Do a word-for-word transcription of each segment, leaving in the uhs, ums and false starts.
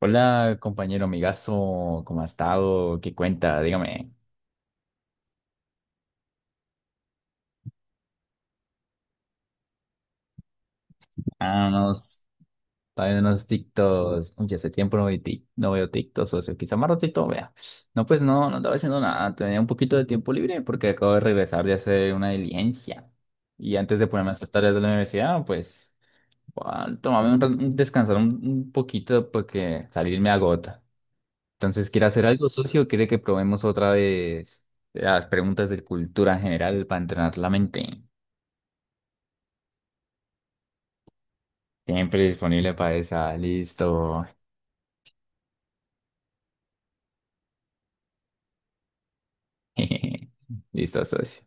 Hola, compañero amigazo, ¿cómo ha estado? ¿Qué cuenta? Dígame. Ah, unos, también unos TikToks. Oye, hace tiempo no veo, tic, no veo TikTok, socio. Quizá más ratito vea. No, pues no, no estaba haciendo nada. Tenía un poquito de tiempo libre porque acabo de regresar de hacer una diligencia. Y antes de ponerme a hacer tareas de la universidad, pues, bueno, tomarme un, ra- un- descansar un, un poquito porque salir me agota. Entonces, ¿quiere hacer algo, socio? ¿Quiere que probemos otra vez las preguntas de cultura general para entrenar la mente? Siempre disponible para esa. Listo. Listo, socio.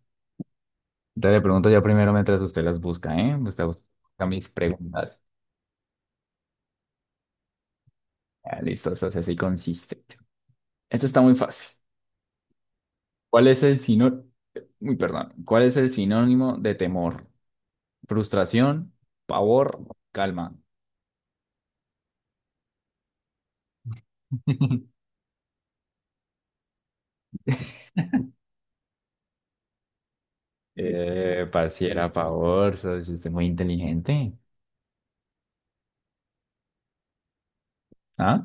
Entonces le pregunto yo primero mientras usted las busca, ¿eh? Usted busca mis preguntas. Ah, listo, socio, así consiste. Esto está muy fácil. ¿Cuál es el sinónimo? Muy perdón. ¿Cuál es el sinónimo de temor? Frustración, pavor, calma. Eh, pareciera pavor, socio, usted es muy inteligente. ¿Ah?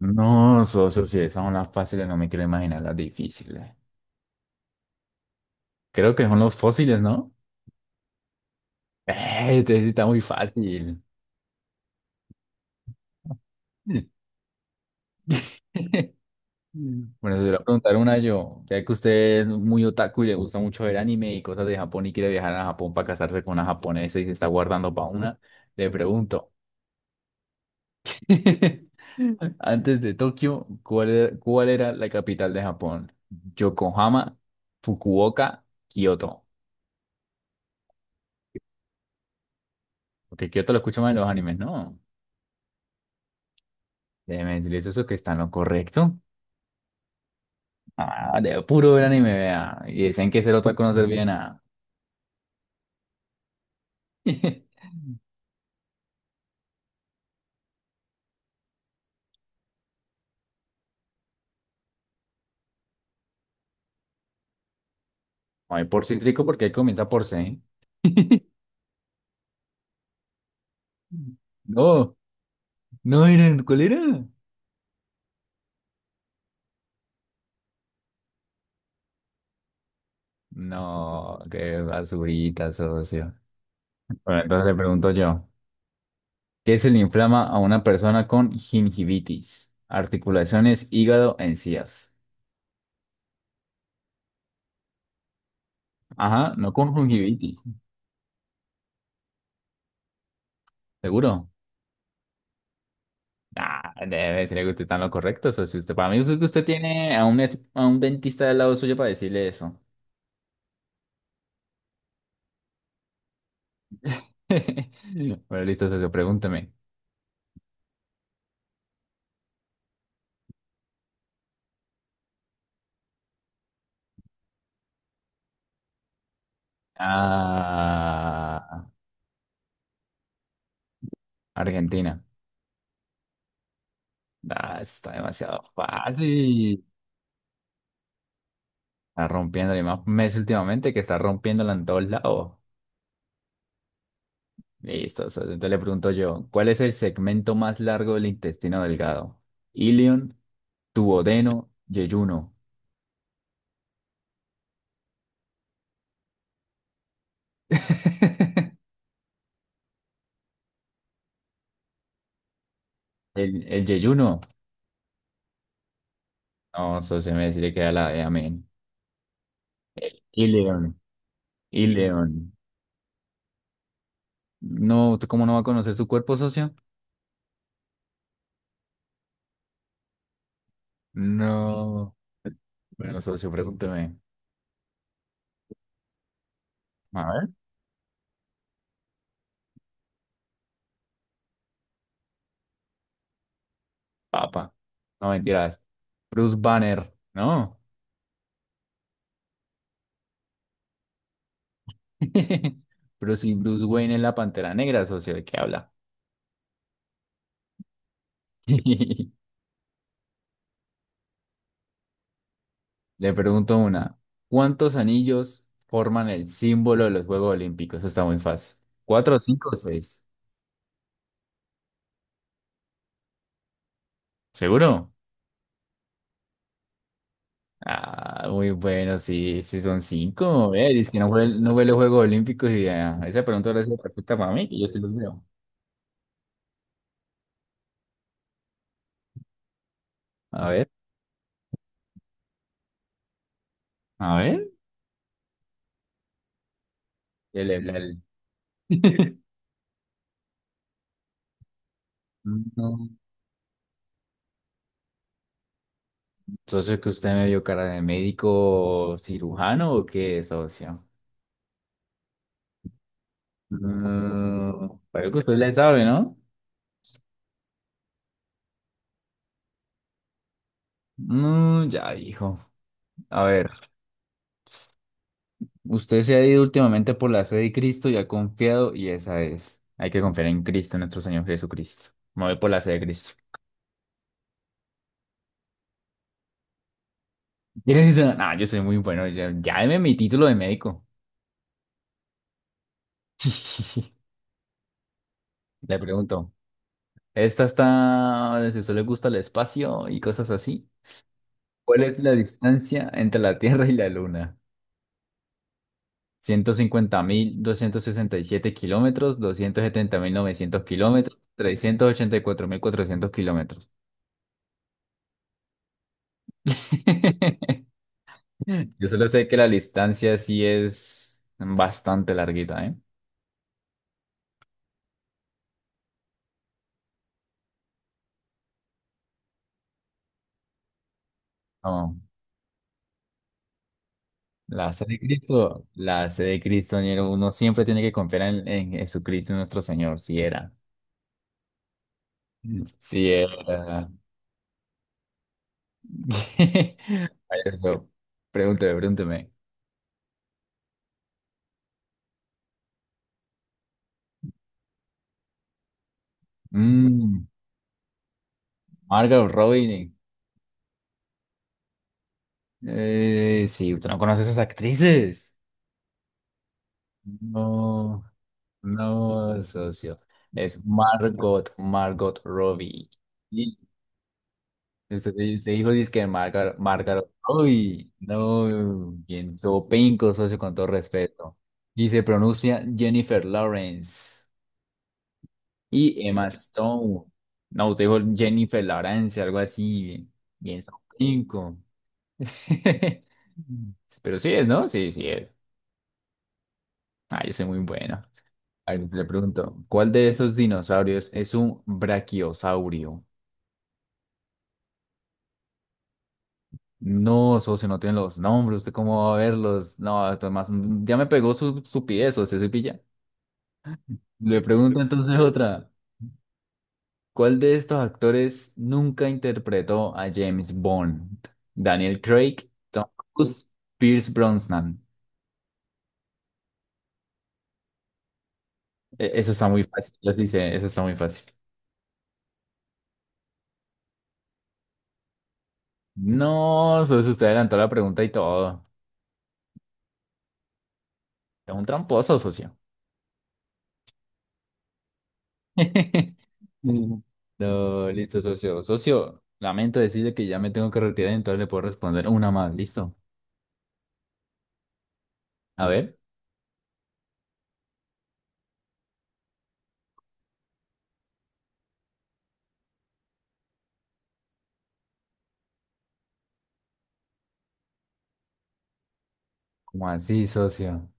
No, socio, si esas son las fáciles, no me quiero imaginar las difíciles. Creo que son los fósiles, ¿no? Eh, este sí está muy fácil. Bueno, se lo voy a preguntar una yo, ya que usted es muy otaku y le gusta mucho ver anime y cosas de Japón y quiere viajar a Japón para casarse con una japonesa y se está guardando para una, le pregunto, antes de Tokio, ¿cuál era, cuál era la capital de Japón? Yokohama, Fukuoka, Kioto. Porque Kioto lo escucho más en los animes, ¿no? Déjeme decirles eso que está en lo correcto. Ah, de puro ver anime, vea. Y dicen que ser otaku no servía de nada. No hay por cítrico porque ahí comienza por C. No, no era, ¿cuál era? No, qué basurita, socio. Bueno, entonces le pregunto yo, ¿qué se le inflama a una persona con gingivitis? Articulaciones, hígado, encías. Ajá, no con gingivitis, ¿seguro? Ah, debe ser que usted está en lo correcto, socio. Usted, para mí es que usted tiene a un, ex- a un dentista del lado suyo para decirle eso. Bueno, listo, socio, pregúntame. Ah, Argentina. Ah, eso está demasiado fácil. Está rompiendo y más Messi últimamente que está rompiéndola en todos lados. Listo. O sea, entonces le pregunto yo, ¿cuál es el segmento más largo del intestino delgado? Ilion, duodeno, yeyuno. El, el yeyuno. No, eso se me le queda la de amén. Ileón, Ileón. No, ¿usted cómo no va a conocer su cuerpo, socio? No. Bueno, socio, pregúnteme. A ver, papa. No, mentiras. Bruce Banner, ¿no? Pero si Bruce Wayne es la Pantera Negra, socio, ¿de qué habla? Le pregunto una. ¿Cuántos anillos forman el símbolo de los Juegos Olímpicos? Eso está muy fácil. ¿Cuatro, cinco o seis? ¿Seguro? Ah, muy bueno, sí, sí son cinco. Eh, dice que no ve, no ve los Juegos Olímpicos y ah, esa pregunta ahora es perfecta para mí, que yo sí los veo. A ver, a ver. El, el- el- No. Socio, que usted me vio cara de médico cirujano o qué, ¿socio? Mm, pero que usted le sabe, ¿no? Mm, ya dijo. A ver, usted se ha ido últimamente por la sed de Cristo y ha confiado, y esa es. Hay que confiar en Cristo, en nuestro Señor Jesucristo. Me voy por la sed de Cristo. ¿Quién dice? Ah, yo soy muy bueno. Ya, ya deme mi título de médico. Le pregunto, ¿esta está, si a usted le gusta el espacio y cosas así? ¿Cuál es la distancia entre la Tierra y la Luna? Ciento cincuenta mil doscientos sesenta y siete kilómetros, doscientos setenta mil novecientos kilómetros, trescientos ochenta y cuatro mil cuatrocientos kilómetros. Yo solo sé que la distancia sí es bastante larguita, ¿eh? No, la sede de Cristo, la sede de Cristo, ñero, uno siempre tiene que confiar en, en Jesucristo nuestro Señor, si era. Si era. Eso, pregúnteme, pregúnteme. Mm, Margot Robbie. Eh, sí, usted no conoce a esas actrices. No, no, socio. Es Margot, Margot, Robbie. Sí, Usted, usted dijo dizque Margot, Margot Robbie. No, bien, todo pinco, socio, con todo respeto. Y se pronuncia Jennifer Lawrence y Emma Stone. No, usted dijo Jennifer Lawrence, algo así, bien, bien, todo pinco. Pero sí es, ¿no? Sí, sí es. Ah, yo soy muy bueno. A ver, le pregunto, ¿cuál de esos dinosaurios es un brachiosaurio? No, socio, no tienen los nombres, ¿usted cómo va a verlos? No, Tomás, ya me pegó su estupidez, socio, soy pilla. Le pregunto entonces otra, ¿cuál de estos actores nunca interpretó a James Bond? Daniel Craig, Tom Cruise, Pierce Brosnan. E- Eso está muy fácil, les dice, eso está muy fácil. No, socio, usted adelantó la pregunta y todo. Es un tramposo, socio. No, listo, socio. Socio, lamento decirle que ya me tengo que retirar, entonces le puedo responder una más, ¿listo? A ver, ¿cómo así, socio?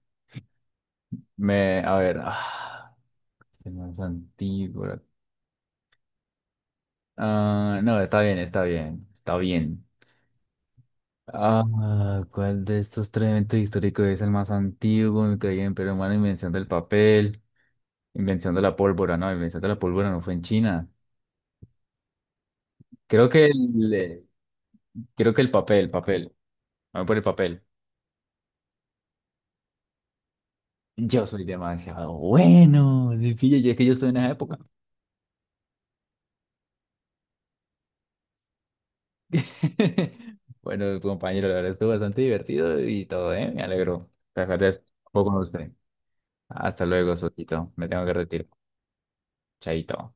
Me, a ver, ah, este no es antiguo. Ah, no, está bien, está bien, está bien. Ah, ¿cuál de estos tres eventos históricos es el más antiguo? Me caí en Imperio Romano, invención del papel, invención de la pólvora, no, invención de la pólvora no fue en China. Creo que el, eh, creo que el papel, papel, vamos por el papel. Yo soy demasiado bueno. Sí, pilla, yo es que yo estoy en esa época. Bueno, compañero, la verdad estuvo bastante divertido y todo, ¿eh? Me alegro. Placer, un poco con usted. Hasta luego, Sotito. Me tengo que retirar. Chaito.